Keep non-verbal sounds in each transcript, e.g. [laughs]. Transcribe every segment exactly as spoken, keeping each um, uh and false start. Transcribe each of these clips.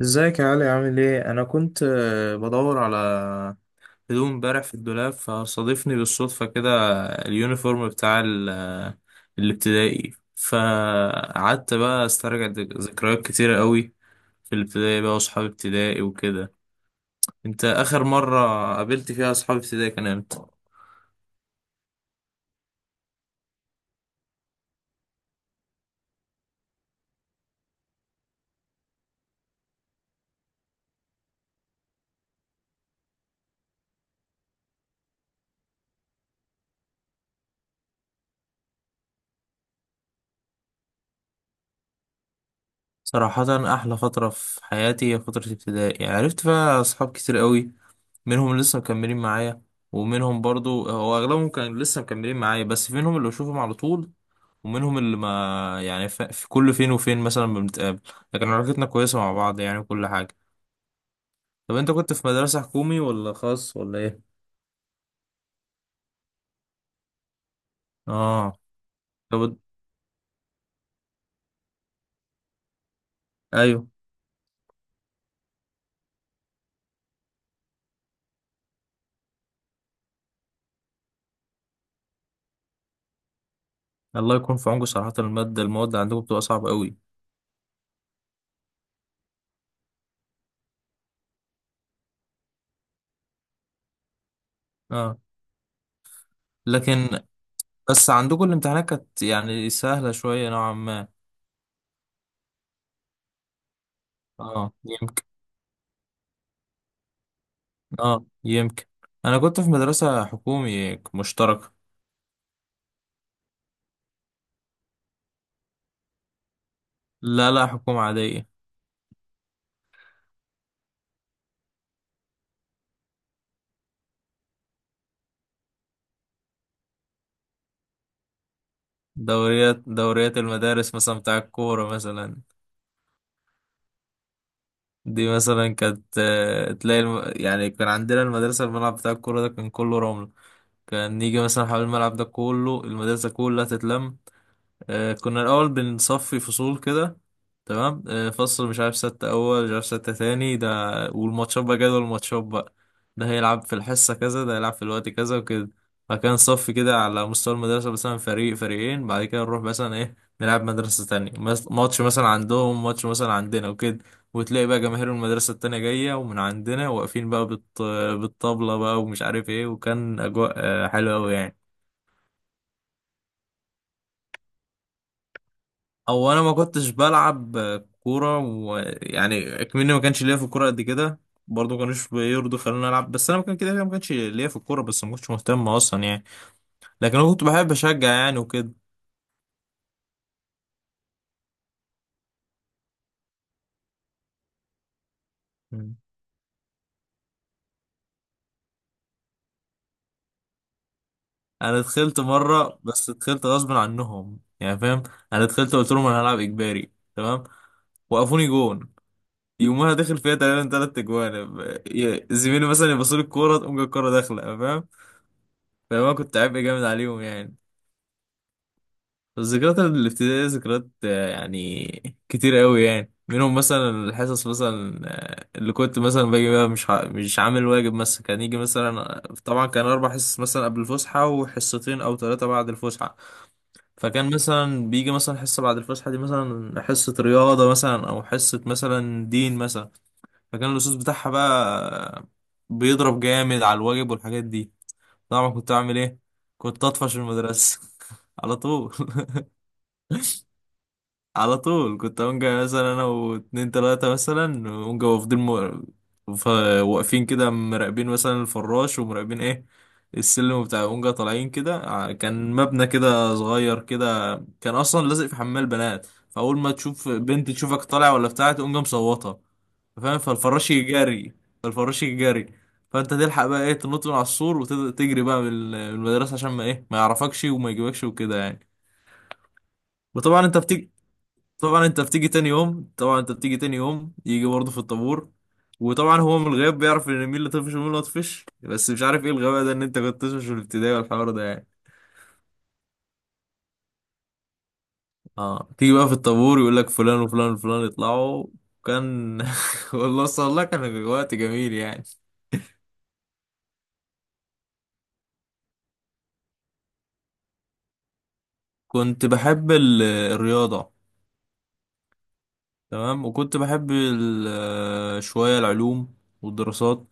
ازيك يا علي، عامل ايه؟ انا كنت آه، بدور على هدوم امبارح في الدولاب، فصادفني بالصدفة كده اليونيفورم بتاع ال- آه، الابتدائي. فقعدت بقى استرجع ذك- ذكريات كتيرة قوي في الابتدائي بقى، واصحاب ابتدائي وكده. انت اخر مرة قابلت فيها اصحاب ابتدائي كان امتى؟ صراحة احلى فترة في حياتي هي فترة ابتدائي، عرفت فيها اصحاب كتير قوي. منهم لسه مكملين معايا، ومنهم برضو هو اغلبهم كان لسه مكملين معايا، بس في منهم اللي بشوفهم على طول، ومنهم اللي ما يعني ف- في كل فين وفين مثلا بنتقابل، لكن علاقتنا كويسة مع بعض يعني وكل حاجة. طب انت كنت في مدرسة حكومي ولا خاص ولا ايه؟ اه. طب. ايوه. الله يكون في عونكم، صراحة المادة المواد عندكم بتبقى صعبة قوي. اه. لكن بس عندكم الامتحانات كانت يعني سهلة شوية نوعا ما. اه يمكن. اه يمكن. انا كنت في مدرسة حكومي مشتركة. لا لا، حكومة عادية. دوريات دوريات المدارس مثلا، بتاع الكورة مثلا، دي مثلا كانت آه، تلاقي الم... يعني كان عندنا المدرسة الملعب بتاع الكورة ده كان كله رمل. كان يجي مثلا حوالين الملعب ده كله المدرسة كلها تتلم. آه، كنا الأول بنصفي فصول كده، تمام، آه، فصل مش عارف ستة أول، مش عارف ستة تاني ده. والماتشات بقى، جدول الماتشات بقى ده هيلعب في الحصة كذا، ده هيلعب في الوقت كذا وكده. فكان صف كده على مستوى المدرسة مثلا، فريق فريقين، بعد كده نروح مثلا إيه نلعب مدرسة تانية، مس- ماتش مثلا عندهم، ماتش مثلا عندنا وكده. وتلاقي بقى جماهير المدرسة التانية جاية ومن عندنا واقفين بقى بالط... بالطبلة بقى، ومش عارف إيه، وكان أجواء آه، حلوة أوي يعني. او انا ما كنتش بلعب كوره، ويعني اكمني ما كانش ليا في الكوره قد كده. برضه ما كانوش بيرضوا خلوني العب، بس انا ما كان كده كده ما كانش ليا في الكوره، بس ما كنتش مهتم اصلا يعني. لكن انا كنت بحب اشجع يعني وكده. مم. انا دخلت مره، بس دخلت غصب عنهم يعني، فاهم. انا دخلت قلت لهم انا هلعب اجباري، تمام. وقفوني جون. يومها داخل فيها تقريبا تلات اجوان، ب- ي- زميلي مثلا يبصوا لي الكوره تقوم جاي الكوره داخله، فاهم. فانا كنت عبء جامد عليهم يعني. الذكريات الابتدائية ذكريات آه، يعني كتير قوي يعني، منهم مثلا الحصص مثلا. آه، اللي كنت مثلا باجي بقى مش ع- مش عامل واجب مثلا، كان يجي مثلا طبعا كان أربع حصص مثلا قبل الفسحة، وحصتين أو ثلاثة بعد الفسحة. فكان مثلا بيجي مثلا حصة بعد الفسحة دي مثلا حصة رياضة مثلا أو حصة مثلا دين مثلا، فكان الأستاذ بتاعها بقى آه، بيضرب جامد على الواجب والحاجات دي. طبعا كنت أعمل إيه؟ كنت أطفش المدرسة [laughs] على طول. على طول كنت أونجا مثلا أنا واتنين تلاتة مثلا أونجا واقفين م... ف- واقفين كده مراقبين مثلا الفراش، ومراقبين إيه السلم بتاع أونجا طالعين كده، ع- كان مبنى كده صغير كده، كان أصلا لازق في حمام البنات، فأول ما تشوف بنت تشوفك طالع ولا بتاع تقوم جاي مصوتة، فاهم. فالفراش يجري فالفراش يجري. فأنت تلحق بقى إيه تنط من على السور وتجري بقى من ال- من المدرسة عشان ما إيه ما يعرفكش وما يجيبكش وكده يعني. وطبعا انت بتيجي طبعا انت بتيجي تاني يوم طبعا انت بتيجي تاني يوم، يجي برضه في الطابور. وطبعا هو من الغياب بيعرف ان مين اللي طفش ومين اللي مطفش، بس مش عارف ايه الغباء ده، ان انت كنت تطفش في الابتدائي والحوار ده يعني. اه تيجي بقى في الطابور يقول لك فلان وفلان وفلان يطلعوا. كان [laughs] والله صلى الله كان وقت جميل يعني. كنت بحب ال- الرياضة، تمام، وكنت بحب ال- شوية العلوم والدراسات.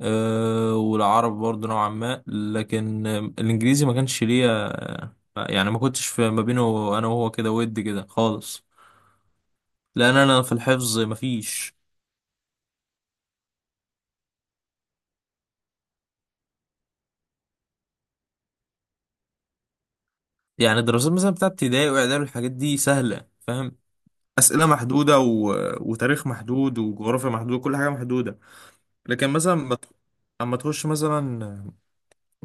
أه، والعرب برضه نوعا ما، لكن آه، الانجليزي ما كانش ليا يعني، ما كنتش في ما بينه انا وهو كده ود كده خالص، لان انا في الحفظ ما فيش. يعني الدراسات مثلا بتاعت ابتدائي واعدادي والحاجات دي سهله، فاهم. اسئله محدوده و... وتاريخ محدود وجغرافيا محدوده، كل حاجه محدوده. لكن مثلا ما ت- اما تخش مثلا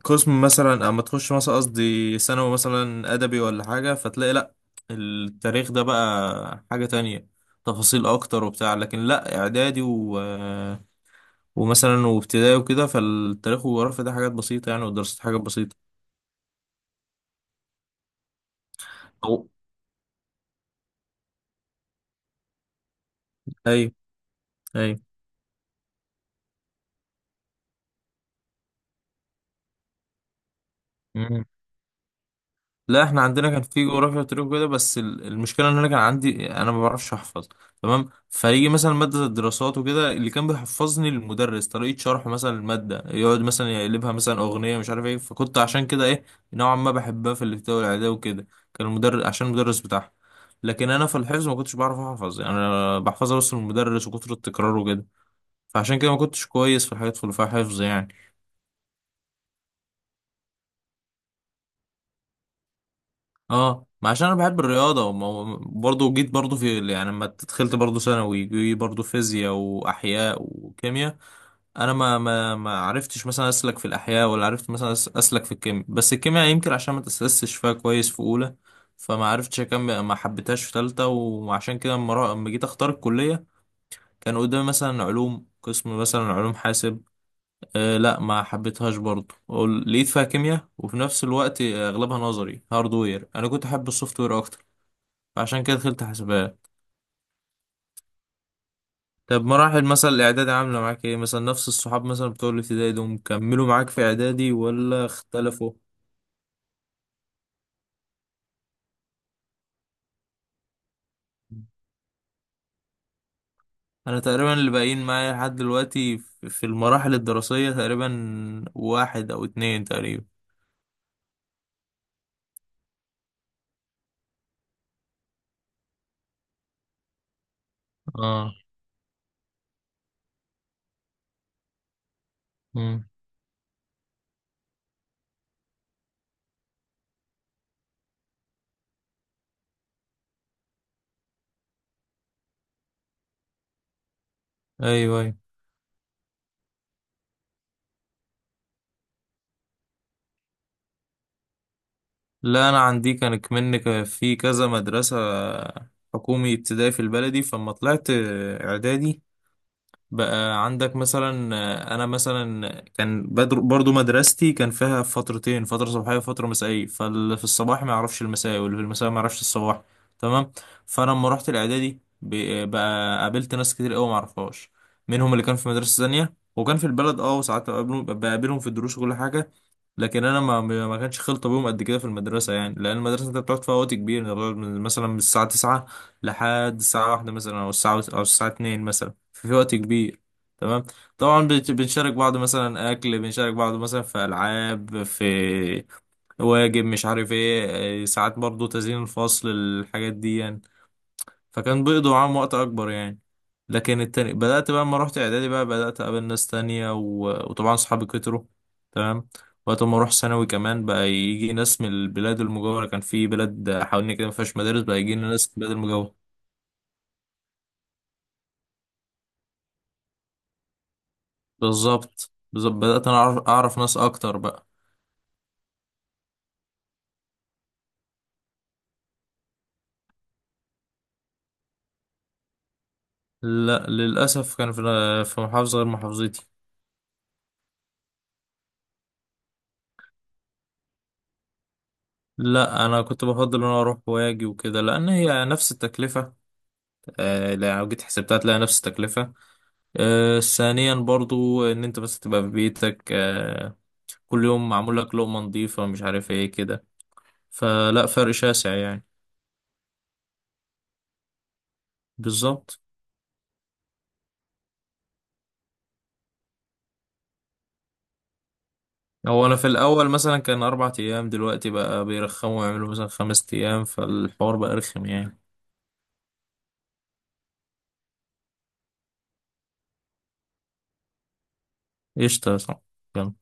قسم مثلا اما تخش مثلا، قصدي ثانوي مثلا ادبي ولا حاجه، فتلاقي لا، التاريخ ده بقى حاجه تانية، تفاصيل اكتر وبتاع. لكن لا اعدادي و... ومثلا وابتدائي وكده، فالتاريخ والجغرافيا ده حاجات بسيطه يعني، ودراسة حاجات بسيطه. أو... ايوه ايوه. لا احنا عندنا كان في جغرافيا وتاريخ وكده، بس ال- المشكله ان انا كان عندي، انا ما بعرفش احفظ، تمام. فيجي مثلا ماده الدراسات وكده، اللي كان بيحفظني المدرس طريقه شرحه مثلا الماده، يقعد مثلا يقلبها مثلا اغنيه مش عارف ايه، فكنت عشان كده ايه، نوعا ما بحبها في الابتدائي والاعدادي وكده، كان المدرس عشان المدرس بتاعها. لكن انا في الحفظ ما كنتش بعرف احفظ يعني، انا بحفظها بس من المدرس وكتر التكرار وكده. فعشان كده ما كنتش كويس في الحاجات اللي فيها حفظ يعني. اه ما عشان انا بحب الرياضه وما- برضه جيت برضه في يعني، لما دخلت برضه ثانوي جي برضه فيزياء واحياء وكيمياء. انا ما ما ما عرفتش مثلا اسلك في الاحياء، ولا عرفت مثلا أس- اسلك في الكيمياء، بس الكيمياء يمكن عشان ما تاسستش فيها كويس في اولى، فما عرفتش اكمل، ما حبيتهاش في ثالثه. وعشان كده لما را- لما جيت اختار الكليه، كان قدامي مثلا علوم، قسم مثلا علوم حاسب. آه لا، ما حبيتهاش برضه، وال- لقيت فيها كيمياء، وفي نفس الوقت آه، اغلبها نظري هاردوير، انا كنت احب السوفت وير اكتر. عشان كده دخلت حسابات. طب مراحل مثلا الاعدادي عامله معاك ايه مثلا، نفس الصحاب مثلا بتوع الابتدائي دول كملوا معاك في اعدادي ولا اختلفوا؟ انا تقريبا اللي باقيين معايا لحد دلوقتي في في المراحل الدراسيه تقريبا واحد او اتنين تقريبا. اه. مم. ايوه ايوه. لا انا عندي كان كمان ك- في كذا مدرسه، حكومي ابتدائي في البلدي. فلما طلعت اعدادي، بقى عندك مثلا، آه، انا مثلا كان بدر- برضو مدرستي كان فيها فترتين، فتره صباحيه وفتره مسائيه، فاللي في الصباح ما يعرفش المسائي واللي في المسائي ما يعرفش الصباح، تمام. فانا لما رحت الاعدادي ب- بقى قابلت ناس كتير قوي ما اعرفهاش، منهم اللي كان في مدرسه ثانيه وكان في البلد، اه، وساعات بقابلهم بقابلهم في الدروس وكل حاجه. لكن انا ما ما ما كانش خلطه بيهم قد كده في المدرسه يعني، لان المدرسه انت بتقعد فيها وقت كبير، انت بتقعد من- مثلا من الساعه تسعة لحد الساعه واحدة مثلا، او الساعه او الساعه اتنين مثلا، في في وقت كبير، تمام. طبعا بت- بنشارك بعض مثلا اكل، بنشارك بعض مثلا في العاب، في واجب مش عارف ايه إيه، ساعات برضو تزيين الفصل الحاجات دي يعني، فكان بيقضوا معاهم وقت اكبر يعني. لكن التاني بدأت بقى لما رحت اعدادي بقى، بدأت اقابل ناس تانية و... وطبعا صحابي كتروا، تمام. وقت ما اروح ثانوي كمان بقى يجي ناس من البلاد المجاورة، كان في بلاد حوالين كده ما فيهاش مدارس، بقى يجي لنا ناس من البلاد المجاورة. بالظبط بالظبط، بدأت انا اعرف أعرف ناس اكتر بقى. لا للأسف كان في في محافظة غير محافظتي. لا انا كنت بفضل ان انا اروح واجي وكده، لان هي نفس التكلفة. آه، لو جيت حسبتها تلاقي نفس التكلفة. آه، ثانيا برضو ان انت بس تبقى في بيتك. آه، كل يوم معمول لك لقمة نظيفة، مش عارف ايه كده، فلا فرق شاسع يعني. بالظبط، هو انا في الاول مثلا كان اربع ايام، دلوقتي بقى بيرخموا يعملوا مثلا خمس ايام، فالحوار بقى رخم يعني. قشطة يا صاحبي.